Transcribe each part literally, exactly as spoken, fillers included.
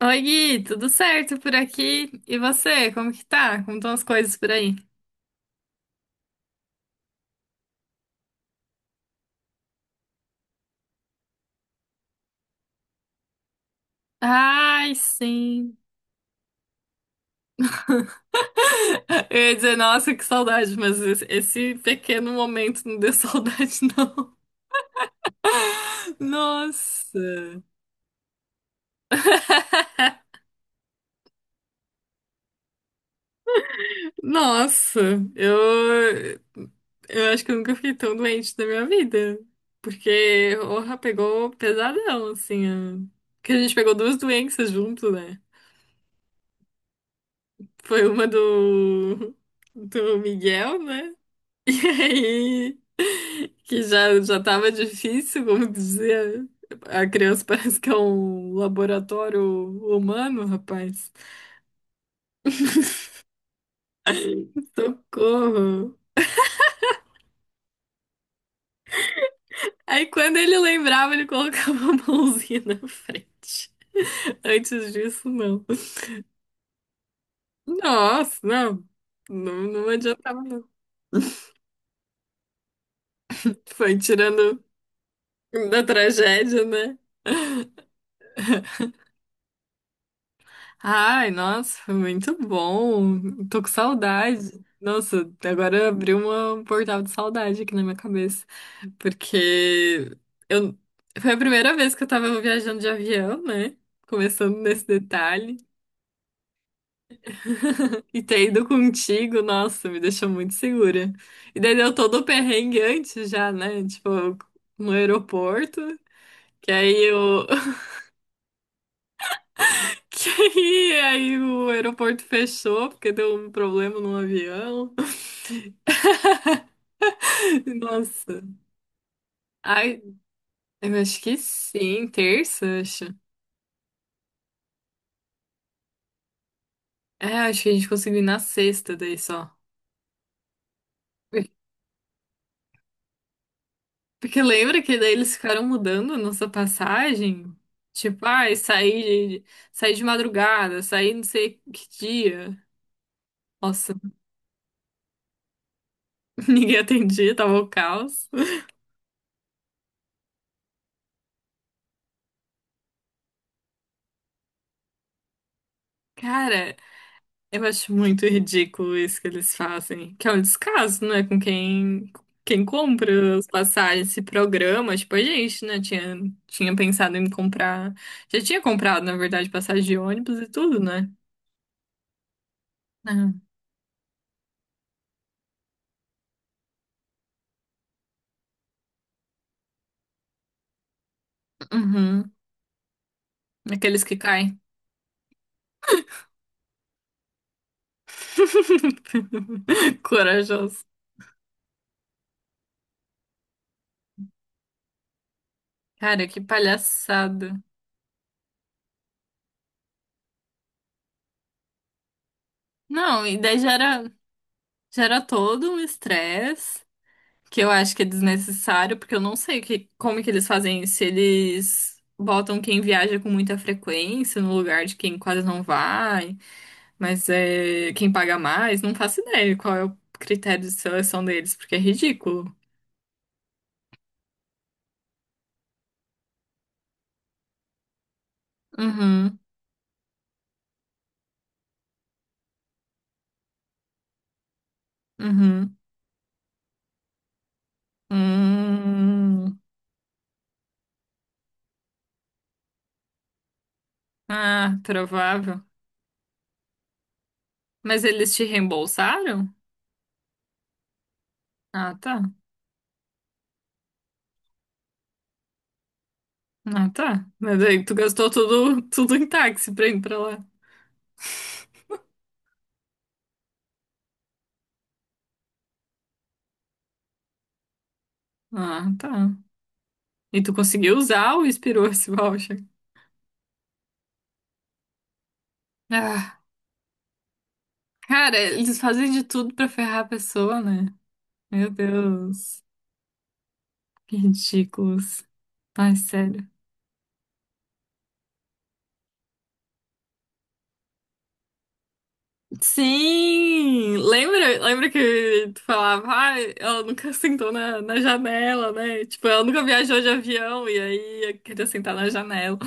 Oi, Gui, tudo certo por aqui? E você, como que tá? Como estão as coisas por aí? Ai, sim. Eu ia dizer, nossa, que saudade, mas esse esse pequeno momento não deu saudade, não. Nossa. Nossa, eu, eu acho que eu nunca fiquei tão doente na minha vida. Porque, orra, pegou pesadão, assim. a- Porque a gente pegou duas doenças junto, né? Foi uma do, do Miguel, né? E aí, que já, já tava difícil, como dizer. A criança parece que é um laboratório humano, rapaz. Socorro. Aí quando ele lembrava, ele colocava a mãozinha na frente. Antes disso, não. Nossa, não. Não, não adiantava, não. Foi tirando da tragédia, né? Ai, nossa, muito bom. Tô com saudade. Nossa, agora abriu uma- um portal de saudade aqui na minha cabeça. Porque eu... foi a primeira vez que eu tava viajando de avião, né? Começando nesse detalhe. E ter ido contigo, nossa, me deixou muito segura. E daí deu todo o perrengue antes já, né? Tipo, no aeroporto. Que aí o, que aí, aí o aeroporto fechou porque deu um problema no avião. Nossa. Ai, eu acho que sim, terça, eu acho. É, acho que a gente conseguiu ir na sexta daí só. Porque lembra que daí eles ficaram mudando a nossa passagem? Tipo, ai, saí de, saí de madrugada, saí não sei que dia. Nossa, ninguém atendia, tava o caos. Cara, eu acho muito ridículo isso que eles fazem, que é um descaso, não é com quem quem compra as passagens, esse programa, tipo a gente, né, tinha tinha pensado em comprar, já tinha comprado, na verdade, passagem de ônibus e tudo, né? É. Uhum. Aqueles que caem. Corajoso. Cara, que palhaçada. Não, e daí já era já era todo um estresse. Que eu acho que é desnecessário, porque eu não sei que, como que eles fazem isso. Se eles botam quem viaja com muita frequência no lugar de quem quase não vai, mas é quem paga mais, não faço ideia qual é o critério de seleção deles, porque é ridículo. Uhum, uhum. Hum. Ah, provável. Mas eles te reembolsaram? Ah, tá. Ah, tá. Mas aí tu gastou tudo, tudo em táxi pra ir pra lá. Ah, tá. E tu conseguiu usar ou expirou esse voucher? Ah, cara, eles fazem de tudo pra ferrar a pessoa, né? Meu Deus, que ridículos. Ai, sério. Sim! Lembra, lembra que tu falava, ah, ela nunca sentou na, na janela, né? Tipo, ela nunca viajou de avião e aí queria sentar na janela.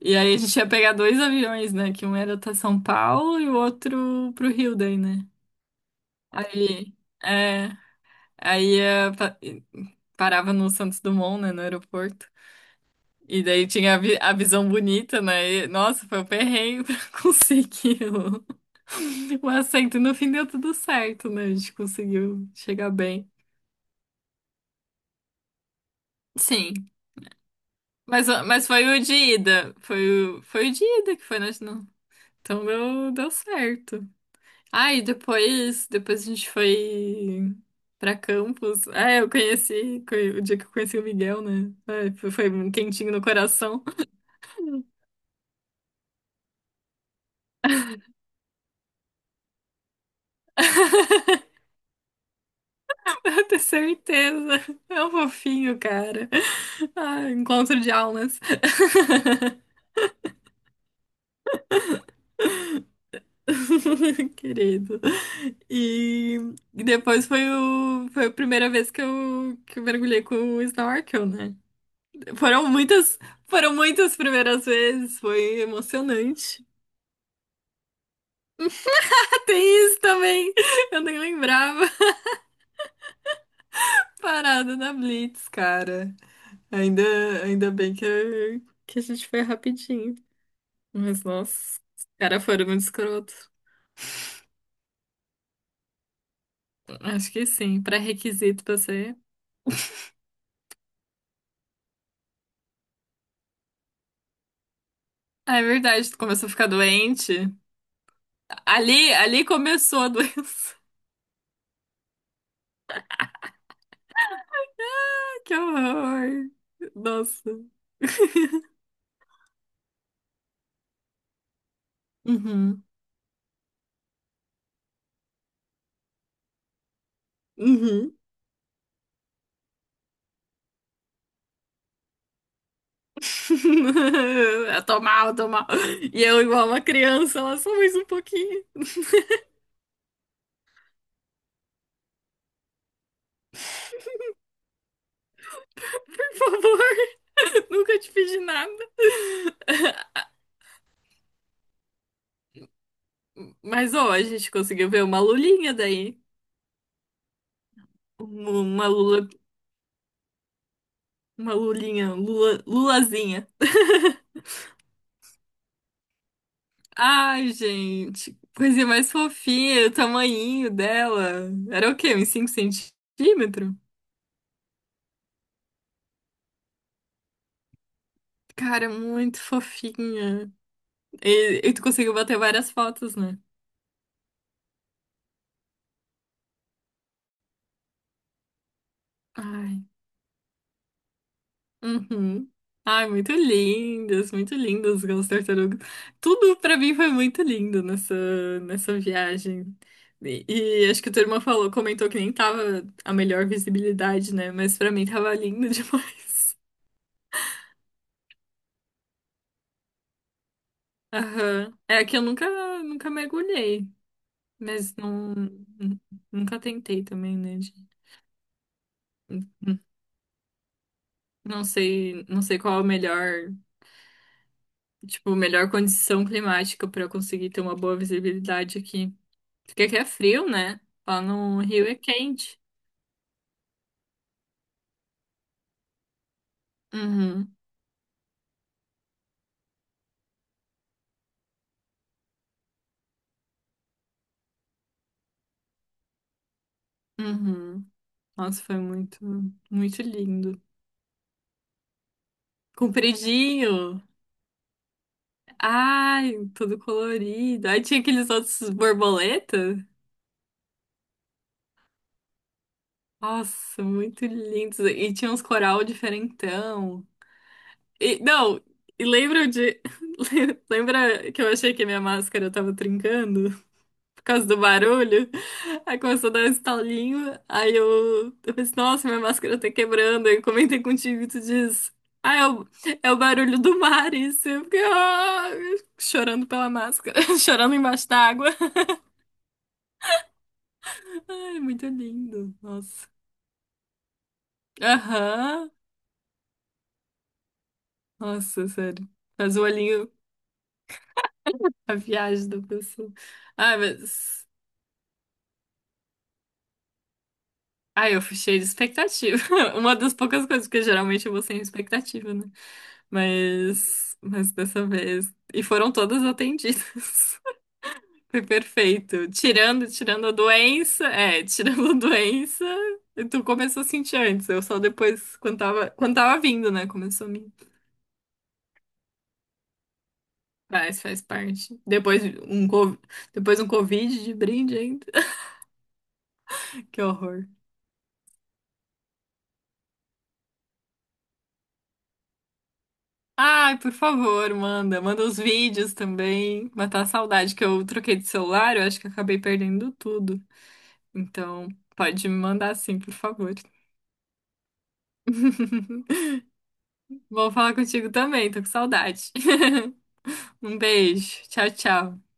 E aí a gente ia pegar dois aviões, né? Que um era até São Paulo e o outro pro Rio daí, né? Aí, é, aí ia, parava no Santos Dumont, né, no aeroporto. E daí tinha a, vi- a visão bonita, né? E, nossa, foi um perrengue pra conseguir o, o assento. E no fim deu tudo certo, né? A gente conseguiu chegar bem. Sim. Mas, mas foi o de ida. Foi o, foi o de ida que foi, né? Não. Então deu, deu certo. Ah, e depois, depois a gente foi pra Campos. Ah, eu conheci, conhe- o dia que eu conheci o Miguel, né? Ah, foi foi um quentinho no coração. Eu tenho certeza. É um fofinho, cara. Ah, encontro de almas. Querido. E e depois foi, o, foi a primeira vez que eu, que eu mergulhei com o snorkel, né? Foram muitas, foram muitas primeiras vezes. Foi emocionante. Ah, tem isso também. Eu nem lembrava. Parada na Blitz, cara. Ainda, ainda bem que, que a gente foi rapidinho. Mas, nossa, os caras foram muito escroto. Acho que sim, pré-requisito pra ser. Ah, é verdade, tu começou a ficar doente. Ali, ali começou a doença. Que horror. Nossa. Uhum. Uhum. Eu tô mal, eu tô mal. E eu, igual uma criança, ela só mais um pouquinho. Por favor, nunca te pedi nada. Mas, ó, a gente conseguiu ver uma lulinha daí. Um- Uma lula, uma lulinha, lula, lulazinha. Ai, gente, coisinha mais fofinha, o tamanhinho dela. Era o quê? Uns cinco centímetros? Cara, é muito fofinha. E, e tu conseguiu bater várias fotos, né? Ai, uhum. Ai, muito lindas, muito lindas aquelas tartarugas. Tudo pra mim foi muito lindo nessa, nessa viagem. E, e acho que a tua irmã falou, comentou que nem tava a melhor visibilidade, né? Mas pra mim tava lindo demais. Aham. É que eu nunca, nunca mergulhei, mas não, nunca tentei também, né? de- hum, não sei, não sei qual a melhor, tipo, melhor condição climática para eu conseguir ter uma boa visibilidade aqui. Porque aqui é frio, né? Lá no Rio é quente. Uhum, uhum. Nossa, foi muito, muito lindo. Compridinho. Ai, todo colorido. Aí tinha aqueles outros borboletas. Nossa, muito lindos. E tinha uns coral diferentão. E, não, e lembra de. Lembra que eu achei que a minha máscara tava trincando por causa do barulho? Aí começou a dar um estalinho. Aí eu, eu pensei, nossa, minha máscara tá quebrando. Aí eu comentei contigo e tu diz. Ah, é o, é o barulho do mar, isso. Eu fiquei, ah, chorando pela máscara, chorando embaixo d'água. Ai, muito lindo, nossa. Aham. Nossa, sério. Mas o olhinho a viagem da pessoa. Ah mas. Ah eu fui fechei de expectativa. Uma das poucas coisas, porque geralmente eu vou sem expectativa, né? Mas. Mas dessa vez. E foram todas atendidas. Foi perfeito. Tirando, tirando a doença. É, tirando a doença. E tu começou a sentir antes. Eu só depois, quando tava, quando tava vindo, né? Começou a mim. Faz, faz parte. Depois um, co- depois um Covid de brinde ainda. Que horror. Ai, por favor, manda. Manda os vídeos também. Matar a saudade que eu troquei de celular, eu acho que acabei perdendo tudo. Então, pode me mandar sim, por favor. Vou falar contigo também, tô com saudade. Um beijo. Tchau, tchau.